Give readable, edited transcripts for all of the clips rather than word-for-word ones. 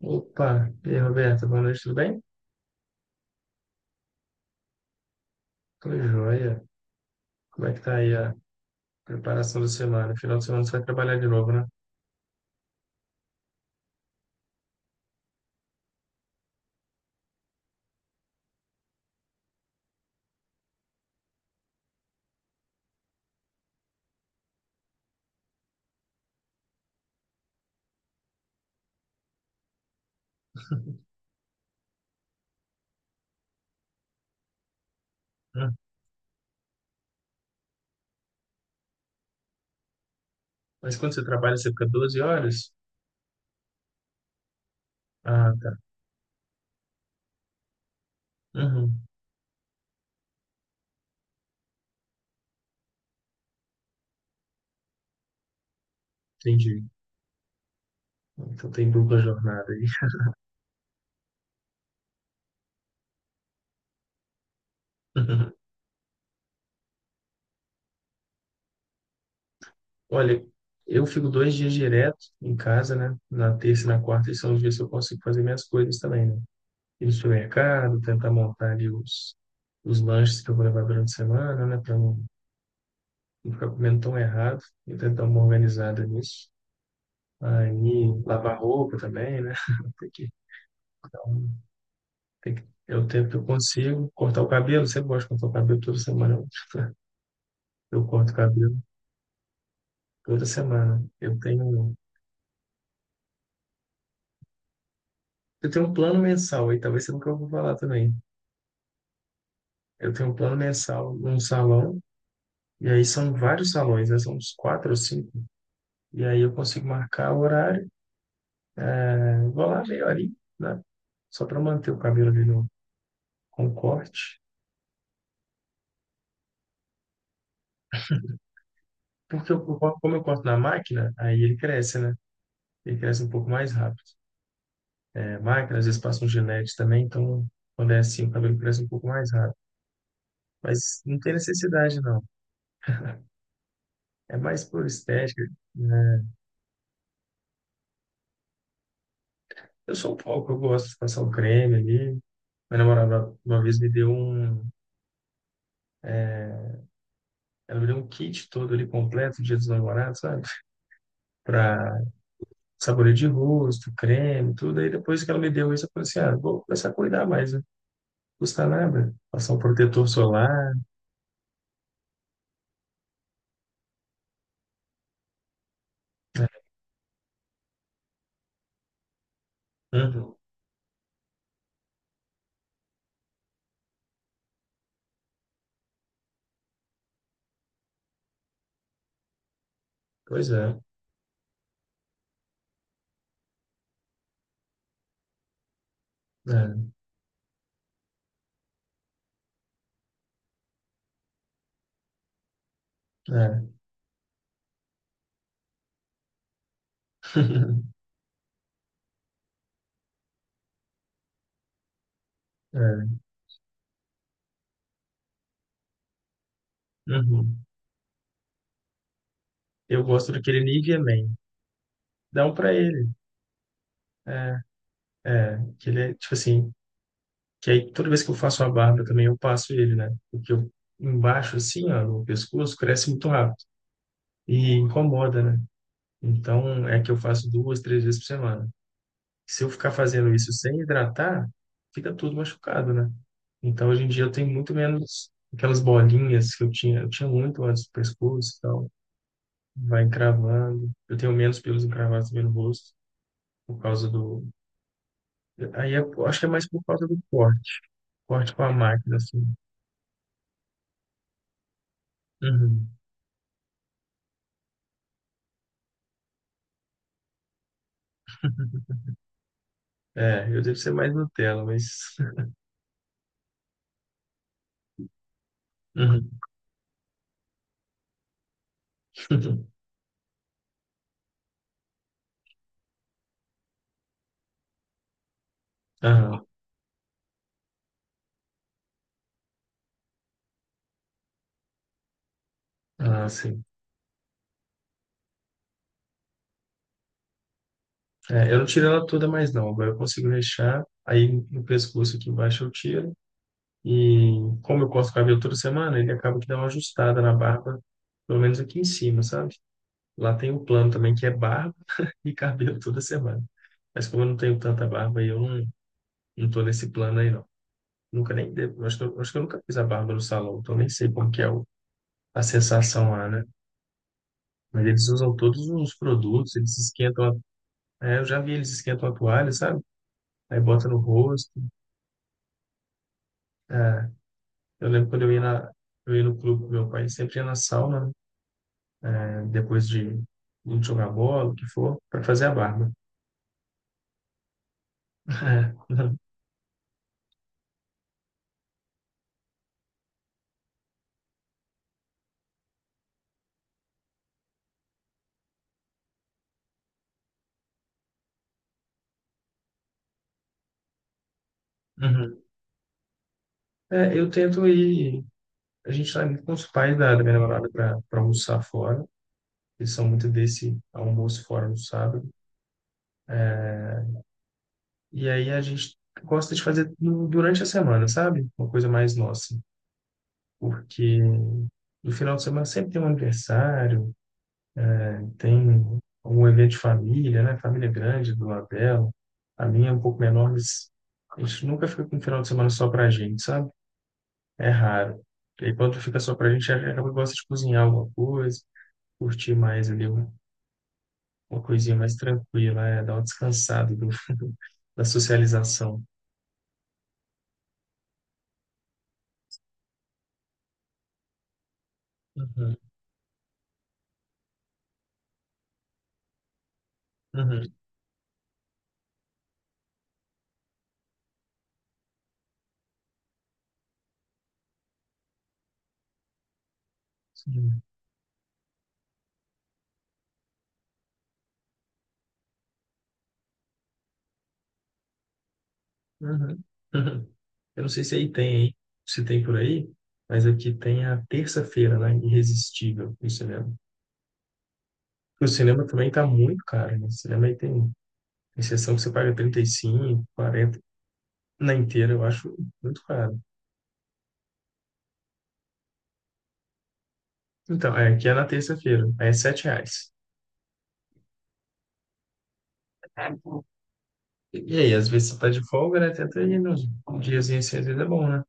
Opa, e aí, Roberto, boa noite, tudo bem? Tudo jóia. Como é que tá aí a preparação da semana? Final de semana você vai trabalhar de novo, né? Hum. Mas quando você trabalha, você fica 12 horas? Ah, tá. Uhum, entendi. Então tem dupla jornada aí. Olha, eu fico 2 dias direto em casa, né? Na terça e na quarta, e são os dias que eu consigo fazer minhas coisas também, né? Ir no supermercado, tentar montar ali os lanches que eu vou levar durante a semana, né? Para não não ficar comendo tão errado e tentar dar uma organizada nisso. Aí lavar roupa também, né? Tem que, então, tem que, é o tempo que eu consigo cortar o cabelo. Eu sempre gosto de cortar o cabelo toda semana. Eu corto o cabelo toda semana. Eu tenho um plano mensal, aí talvez seja o que eu vou falar também. Eu tenho um plano mensal num salão, e aí são vários salões, né? São uns quatro ou cinco. E aí eu consigo marcar o horário, é, vou lá meia horinha, né? Só para manter o cabelo ali no, com corte. Porque como eu corto na máquina, aí ele cresce, né? Ele cresce um pouco mais rápido. É, máquina, às vezes passa um gilete também, então quando é assim, o cabelo cresce um pouco mais rápido. Mas não tem necessidade, não. É mais por estética, né? Eu sou um pouco, eu gosto de passar o creme ali. Minha namorada uma vez ela me deu um kit todo ali completo, Dia dos Namorados, sabe? Pra sabonete de rosto, creme, tudo. Aí depois que ela me deu isso, eu falei assim, ah, vou começar a cuidar mais, né? Não custa nada. Passar um protetor solar. Uhum. Pois é. É, é. É. Uhum. Eu gosto daquele Nivea Man. Dá um pra ele. É, é. Que ele é, tipo assim, que aí toda vez que eu faço a barba também eu passo ele, né? Porque eu, embaixo, assim, ó, no pescoço, cresce muito rápido. E incomoda, né? Então, é que eu faço duas, três vezes por semana. Se eu ficar fazendo isso sem hidratar, fica tudo machucado, né? Então, hoje em dia eu tenho muito menos aquelas bolinhas que eu tinha. Eu tinha muito antes do pescoço e tal. Vai encravando. Eu tenho menos pelos encravados também no rosto por causa do Aí eu acho que é mais por causa do corte. Corte com a máquina, assim. Uhum. É, eu devo ser mais Nutella, mas. Uhum. Aham. Ah, sim. É, eu não tiro ela toda mais, não. Agora eu consigo deixar. Aí no pescoço aqui embaixo eu tiro. E como eu corto o cabelo toda semana, ele acaba que dá uma ajustada na barba, pelo menos aqui em cima, sabe? Lá tem um plano também que é barba e cabelo toda semana. Mas como eu não tenho tanta barba, aí eu não, não tô nesse plano aí, não. Nunca nem devo. Acho que eu nunca fiz a barba no salão, então nem sei como que é a sensação lá, né? Mas eles usam todos os produtos, eles esquentam. A, é, eu já vi eles esquentam a toalha, sabe? Aí bota no rosto. É, eu lembro quando eu ia no clube com meu pai, ele sempre ia na sauna, né? É, depois de jogar bola, o que for, para fazer a barba. É, uhum. É, eu tento ir. A gente tá indo com os pais da minha namorada para almoçar fora. Eles são muito desse almoço fora no sábado. E aí a gente gosta de fazer durante a semana, sabe? Uma coisa mais nossa. Porque no final de semana sempre tem um aniversário, tem um evento de família, né? Família grande do Abel. A minha é um pouco menor, mas a gente nunca fica com um final de semana só pra gente, sabe? É raro. E aí quando fica só pra gente, a gente gosta de cozinhar alguma coisa, curtir mais ali uma coisinha mais tranquila, é, dar uma descansada da socialização. Uhum, uhum. Sim. Uhum. Eu não sei se aí tem, hein? Se tem por aí, mas aqui tem a terça-feira, né? Irresistível no cinema. O cinema também tá muito caro, né? O cinema aí tem sessão que você paga 35, 40 na inteira, eu acho muito caro. Então, é, aqui é na terça-feira, aí é 7 reais. E aí, às vezes você tá de folga, né? Tenta ir nos diazinhos assim, às vezes é bom, né?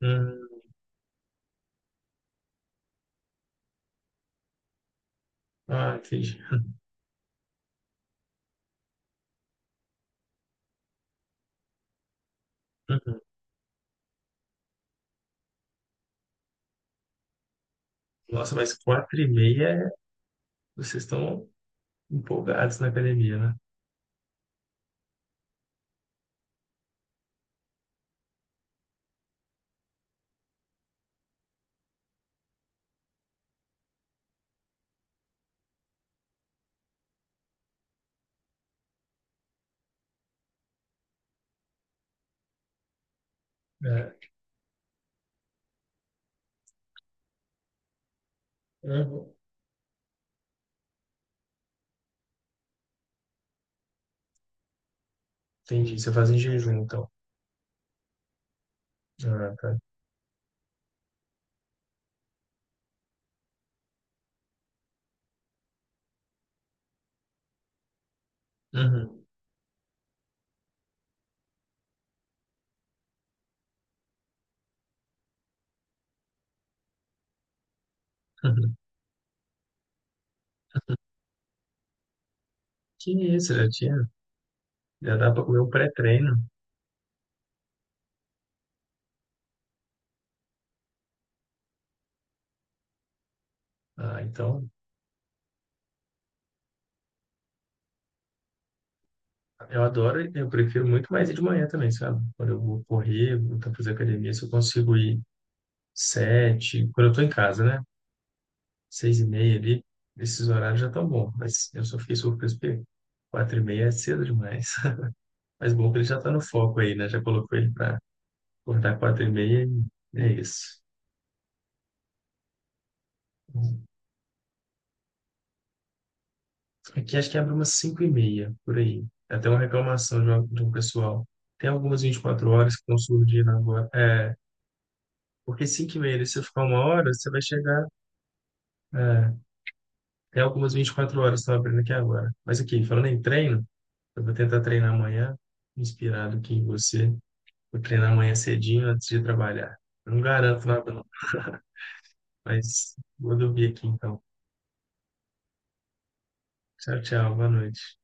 Hum, ah, entendi. Uhum. Nossa, mas 4h30, vocês estão empolgados na academia, né? Uhum. Entendi, você faz em jejum, então. Ah, tá. Uhum. Uhum. Que isso, já dá pra comer o pré-treino. Ah, então, eu adoro, e eu prefiro muito mais ir de manhã também, sabe? Quando eu vou correr, vou tentar fazer academia, se eu consigo ir sete, quando eu tô em casa, né? 6h30 ali, esses horários já estão bons, mas eu só fiquei surpreso porque 4h30 é cedo demais. Mas bom que ele já tá no foco aí, né? Já colocou ele pra acordar 4h30 e é isso. Aqui acho que abre umas 5h30, por aí. É. Até uma reclamação de um pessoal. Tem algumas 24 horas que estão surgindo agora. É, porque 5h30, ali, se você ficar uma hora, você vai chegar. É, tem algumas 24 horas que estão abrindo aqui agora. Mas aqui, falando em treino, eu vou tentar treinar amanhã, inspirado aqui em você. Vou treinar amanhã cedinho antes de trabalhar. Eu não garanto nada, não. Mas vou dormir aqui então. Tchau, tchau. Boa noite.